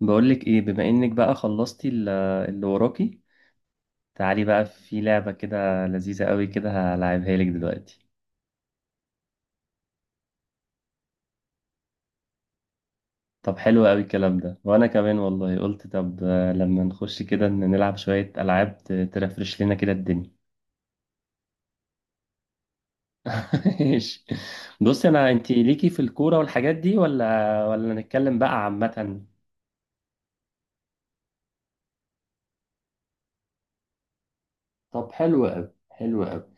بقولك ايه، بما انك بقى خلصتي اللي وراكي. تعالي بقى، في لعبة كده لذيذة قوي كده هلعبها لك دلوقتي. طب حلو قوي الكلام ده، وانا كمان والله قلت طب، لما نخش كده نلعب شوية العاب ترفرش لنا كده الدنيا. ماشي. بصي، انا انتي ليكي في الكورة والحاجات دي، ولا نتكلم بقى عامة؟ طب حلو قوي، حلو قوي.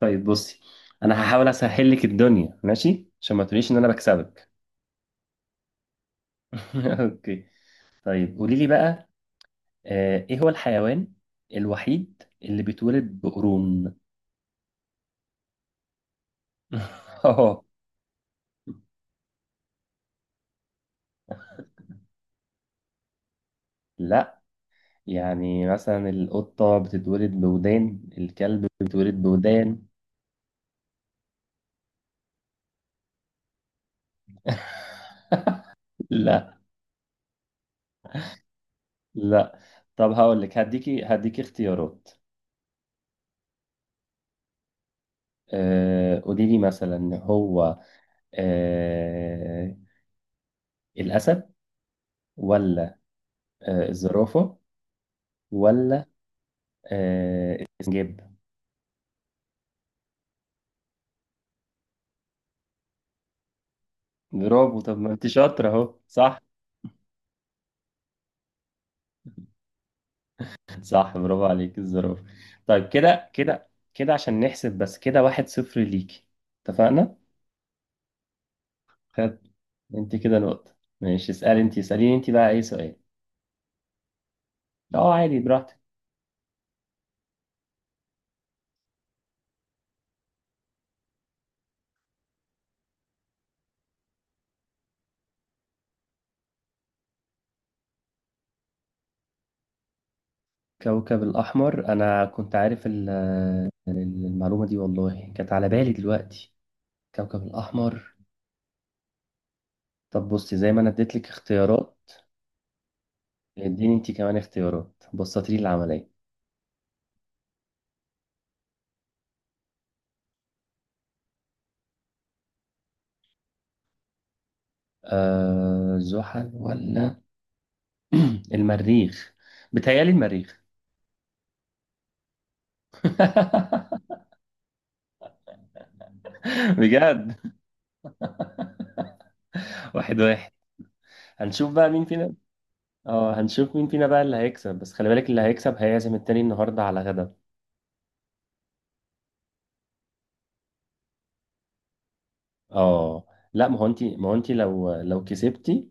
طيب بصي، انا هحاول اسهل لك الدنيا ماشي، عشان ما تقوليش ان انا بكسبك. اوكي. طيب قولي لي بقى، ايه هو الحيوان الوحيد اللي بيتولد بقرون؟ أوه. لا، يعني مثلا القطة بتتولد بودان، الكلب بيتولد بودان. لا لا. طب هقول لك، هديكي اختيارات. قولي لي مثلا، هو آه، الأسد، ولا الزرافة، ولا السنجاب؟ برافو. طب ما انت شاطرة اهو، صح. صح، برافو عليك، الزرافة. طيب كده كده كده، عشان نحسب بس كده، واحد صفر ليكي، اتفقنا. خد، انت كده نقطة، ماشي. اسألي انت، اسأليني انت بقى اي سؤال. اه، عادي براحتك. كوكب الأحمر، أنا كنت عارف المعلومة دي والله، كانت على بالي دلوقتي، كوكب الأحمر. طب بصي، زي ما أنا اديت لك اختيارات، اديني انت كمان اختيارات، بسطي لي العملية. زحل ولا المريخ؟ بتهيألي المريخ. بجد؟ واحد واحد، هنشوف بقى مين فينا. اه، هنشوف مين فينا بقى اللي هيكسب، بس خلي بالك، اللي هيكسب هيعزم التاني النهارده على غدا. اه. لا، ما هو انت لو كسبتي،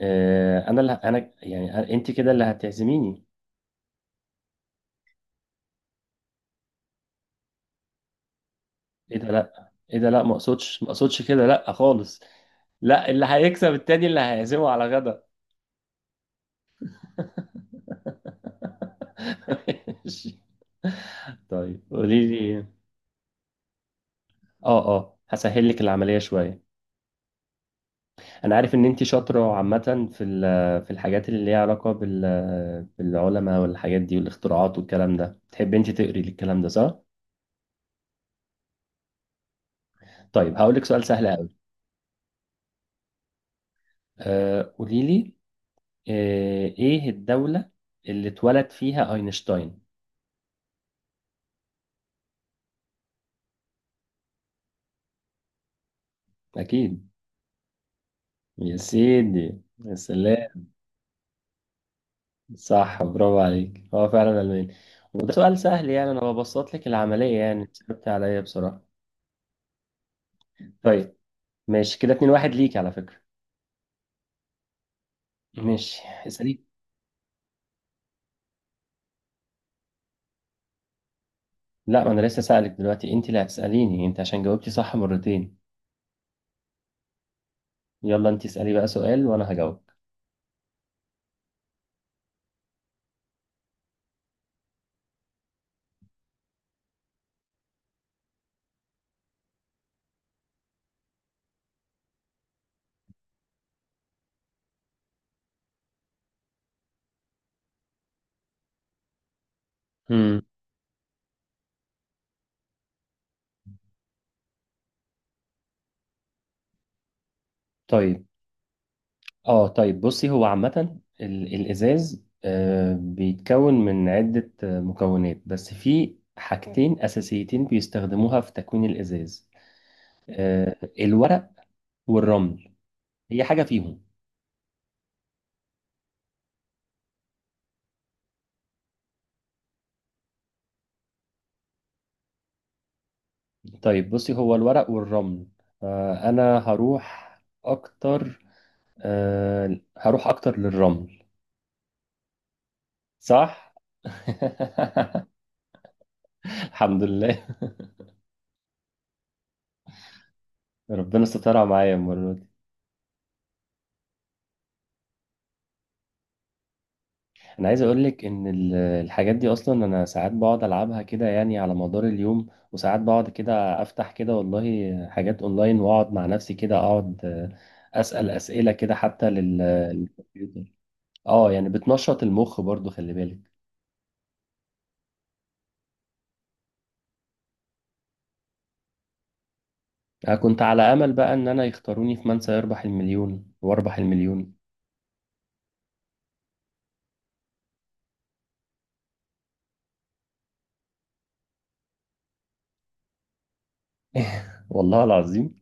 انا يعني انت كده اللي هتعزميني. ايه ده لا، ما اقصدش كده، لا خالص. لا، اللي هيكسب التاني اللي هيعزمه على غدا. ماشي. طيب قولي لي، اه هسهل لك العملية شوية. انا عارف ان انت شاطره عامه في الحاجات اللي ليها علاقه بالعلماء والحاجات دي والاختراعات والكلام ده، بتحبي انت تقري الكلام ده، صح؟ طيب هقول لك سؤال سهل قوي. قولي لي، ايه الدوله اللي اتولد فيها اينشتاين؟ اكيد. يا سيدي، يا سلام. صح، برافو عليك، هو فعلا الماني. وده سؤال سهل يعني، انا ببسط لك العمليه يعني، صعبت عليا بصراحه. طيب ماشي كده، 2 واحد ليك على فكره. ماشي، اسالي. لا، ما انا لسه سألك دلوقتي، انت اللي هتسأليني انت، عشان جاوبتي صح مرتين. يلا انت اسألي بقى سؤال، وانا هجاوب. امم طيب. اه طيب بصي، هو عامة الازاز بيتكون من عدة مكونات، بس في حاجتين اساسيتين بيستخدموها في تكوين الازاز. الورق والرمل، هي حاجة فيهم. طيب بصي، هو الورق والرمل، انا هروح اكتر. هروح اكتر للرمل. صح. الحمد لله. ربنا سترها معايا المرة دي. أنا عايز أقولك إن الحاجات دي أصلا، أنا ساعات بقعد ألعبها كده يعني على مدار اليوم، وساعات بقعد كده أفتح كده والله حاجات أونلاين، وأقعد مع نفسي كده أقعد، أسأل أسئلة كده حتى للكمبيوتر. أه، يعني بتنشط المخ برضو، خلي بالك. أنا كنت على أمل بقى إن أنا يختاروني في من سيربح المليون وأربح المليون. والله العظيم.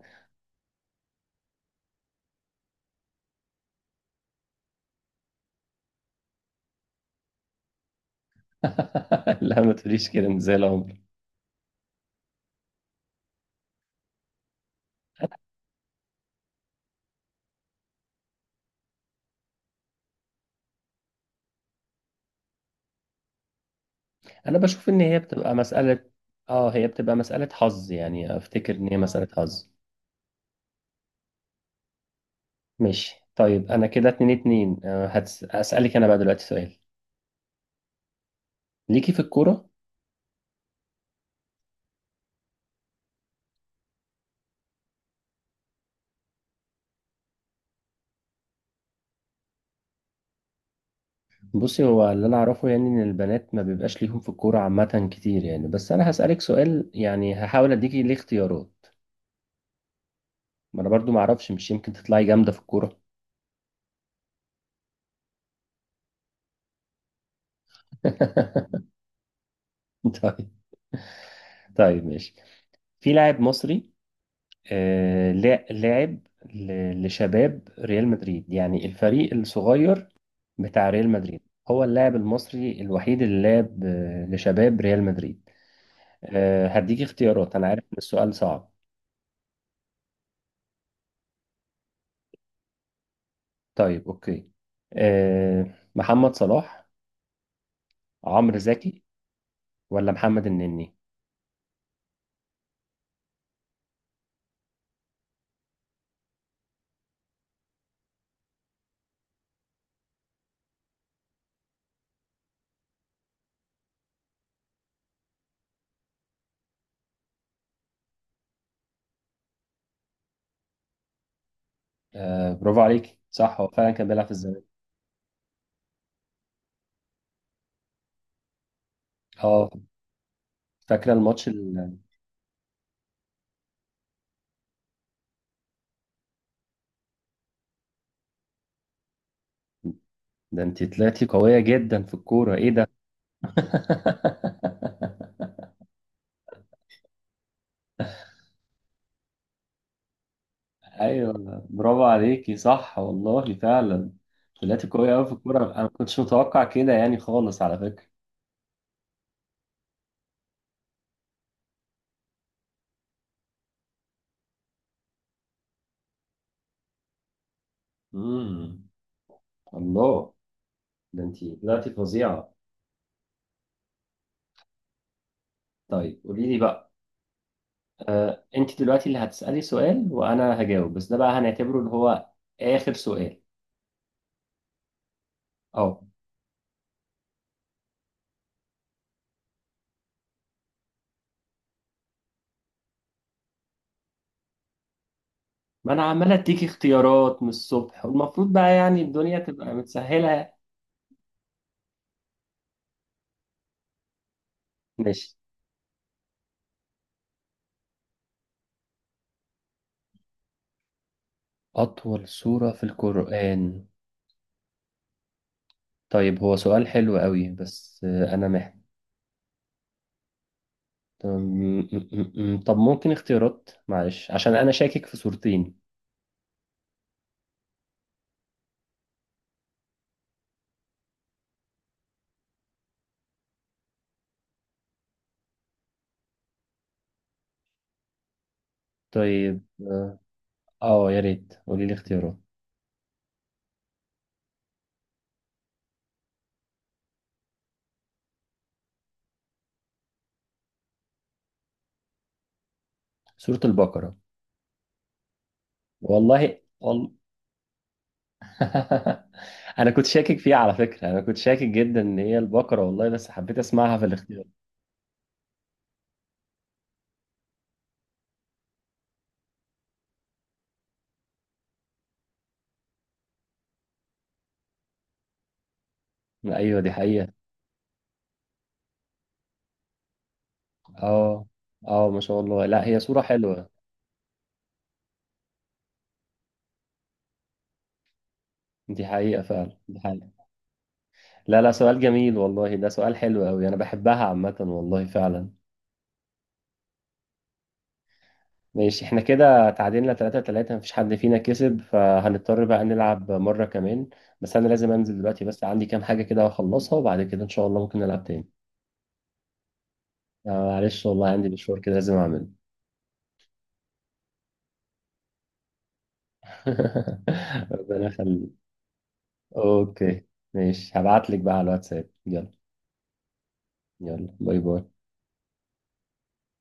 لا، ما تقوليش كده، إنت زي العمر. انا بشوف ان هي بتبقى مسألة، اه هي بتبقى مسألة حظ يعني، افتكر ان هي مسألة حظ. ماشي. طيب انا كده اتنين اتنين، هسألك انا بقى دلوقتي سؤال. ليكي في الكورة؟ بصي، هو اللي انا اعرفه يعني، ان البنات ما بيبقاش ليهم في الكورة عامة كتير يعني، بس انا هسألك سؤال يعني، هحاول اديكي ليه اختيارات. ما انا برضو ما اعرفش، مش يمكن تطلعي جامدة في الكورة. طيب طيب ماشي. في لاعب مصري، لاعب لشباب ريال مدريد، يعني الفريق الصغير بتاع ريال مدريد، هو اللاعب المصري الوحيد اللي لعب لشباب ريال مدريد. هديك اختيارات، انا عارف ان السؤال صعب. طيب اوكي. آه، محمد صلاح، عمرو زكي، ولا محمد النني؟ برافو عليك، صح، هو فعلا كان بيلعب في الزمالك. اه، فاكره الماتش ده انت طلعتي قويه جدا في الكوره، ايه ده. ايوه، برافو عليكي، صح والله فعلا. طلعتي قوية قوي في الكورة، انا ما كنتش متوقع كده يعني خالص على فكرة. امم. الله، ده انت طلعتي فظيعة. طيب قولي لي بقى، انت دلوقتي اللي هتسألي سؤال وانا هجاوب، بس ده بقى هنعتبره اللي هو اخر سؤال. اه، ما انا عمال اديكي اختيارات من الصبح، والمفروض بقى يعني الدنيا تبقى متسهلة. ماشي. أطول سورة في القرآن؟ طيب، هو سؤال حلو قوي، بس أنا محتاج. تمام. طب ممكن اختيارات، معلش، عشان انا شاكك في صورتين. طيب. يا ريت قولي لي اختيارات. سورة البقرة. والله والله. انا كنت شاكك فيها على فكرة، انا كنت شاكك جدا ان هي البقرة والله، بس حبيت اسمعها في الاختيار. ايوه دي حقيقة. اه اه، ما شاء الله، لا هي صورة حلوة. دي حقيقة فعلا، دي حقيقة. لا لا، سؤال جميل والله، ده سؤال حلو قوي، انا بحبها عامة والله فعلا. ماشي، احنا كده تعادلنا تلاتة تلاتة، مفيش حد فينا كسب، فهنضطر بقى نلعب مرة كمان. بس أنا لازم أنزل دلوقتي، بس عندي كام حاجة كده هخلصها، وبعد كده إن شاء الله ممكن نلعب تاني. معلش والله عندي مشوار كده لازم أعمله. ربنا يخليك. أوكي. ماشي، هبعتلك بقى على الواتساب، يلا. يلا، باي باي.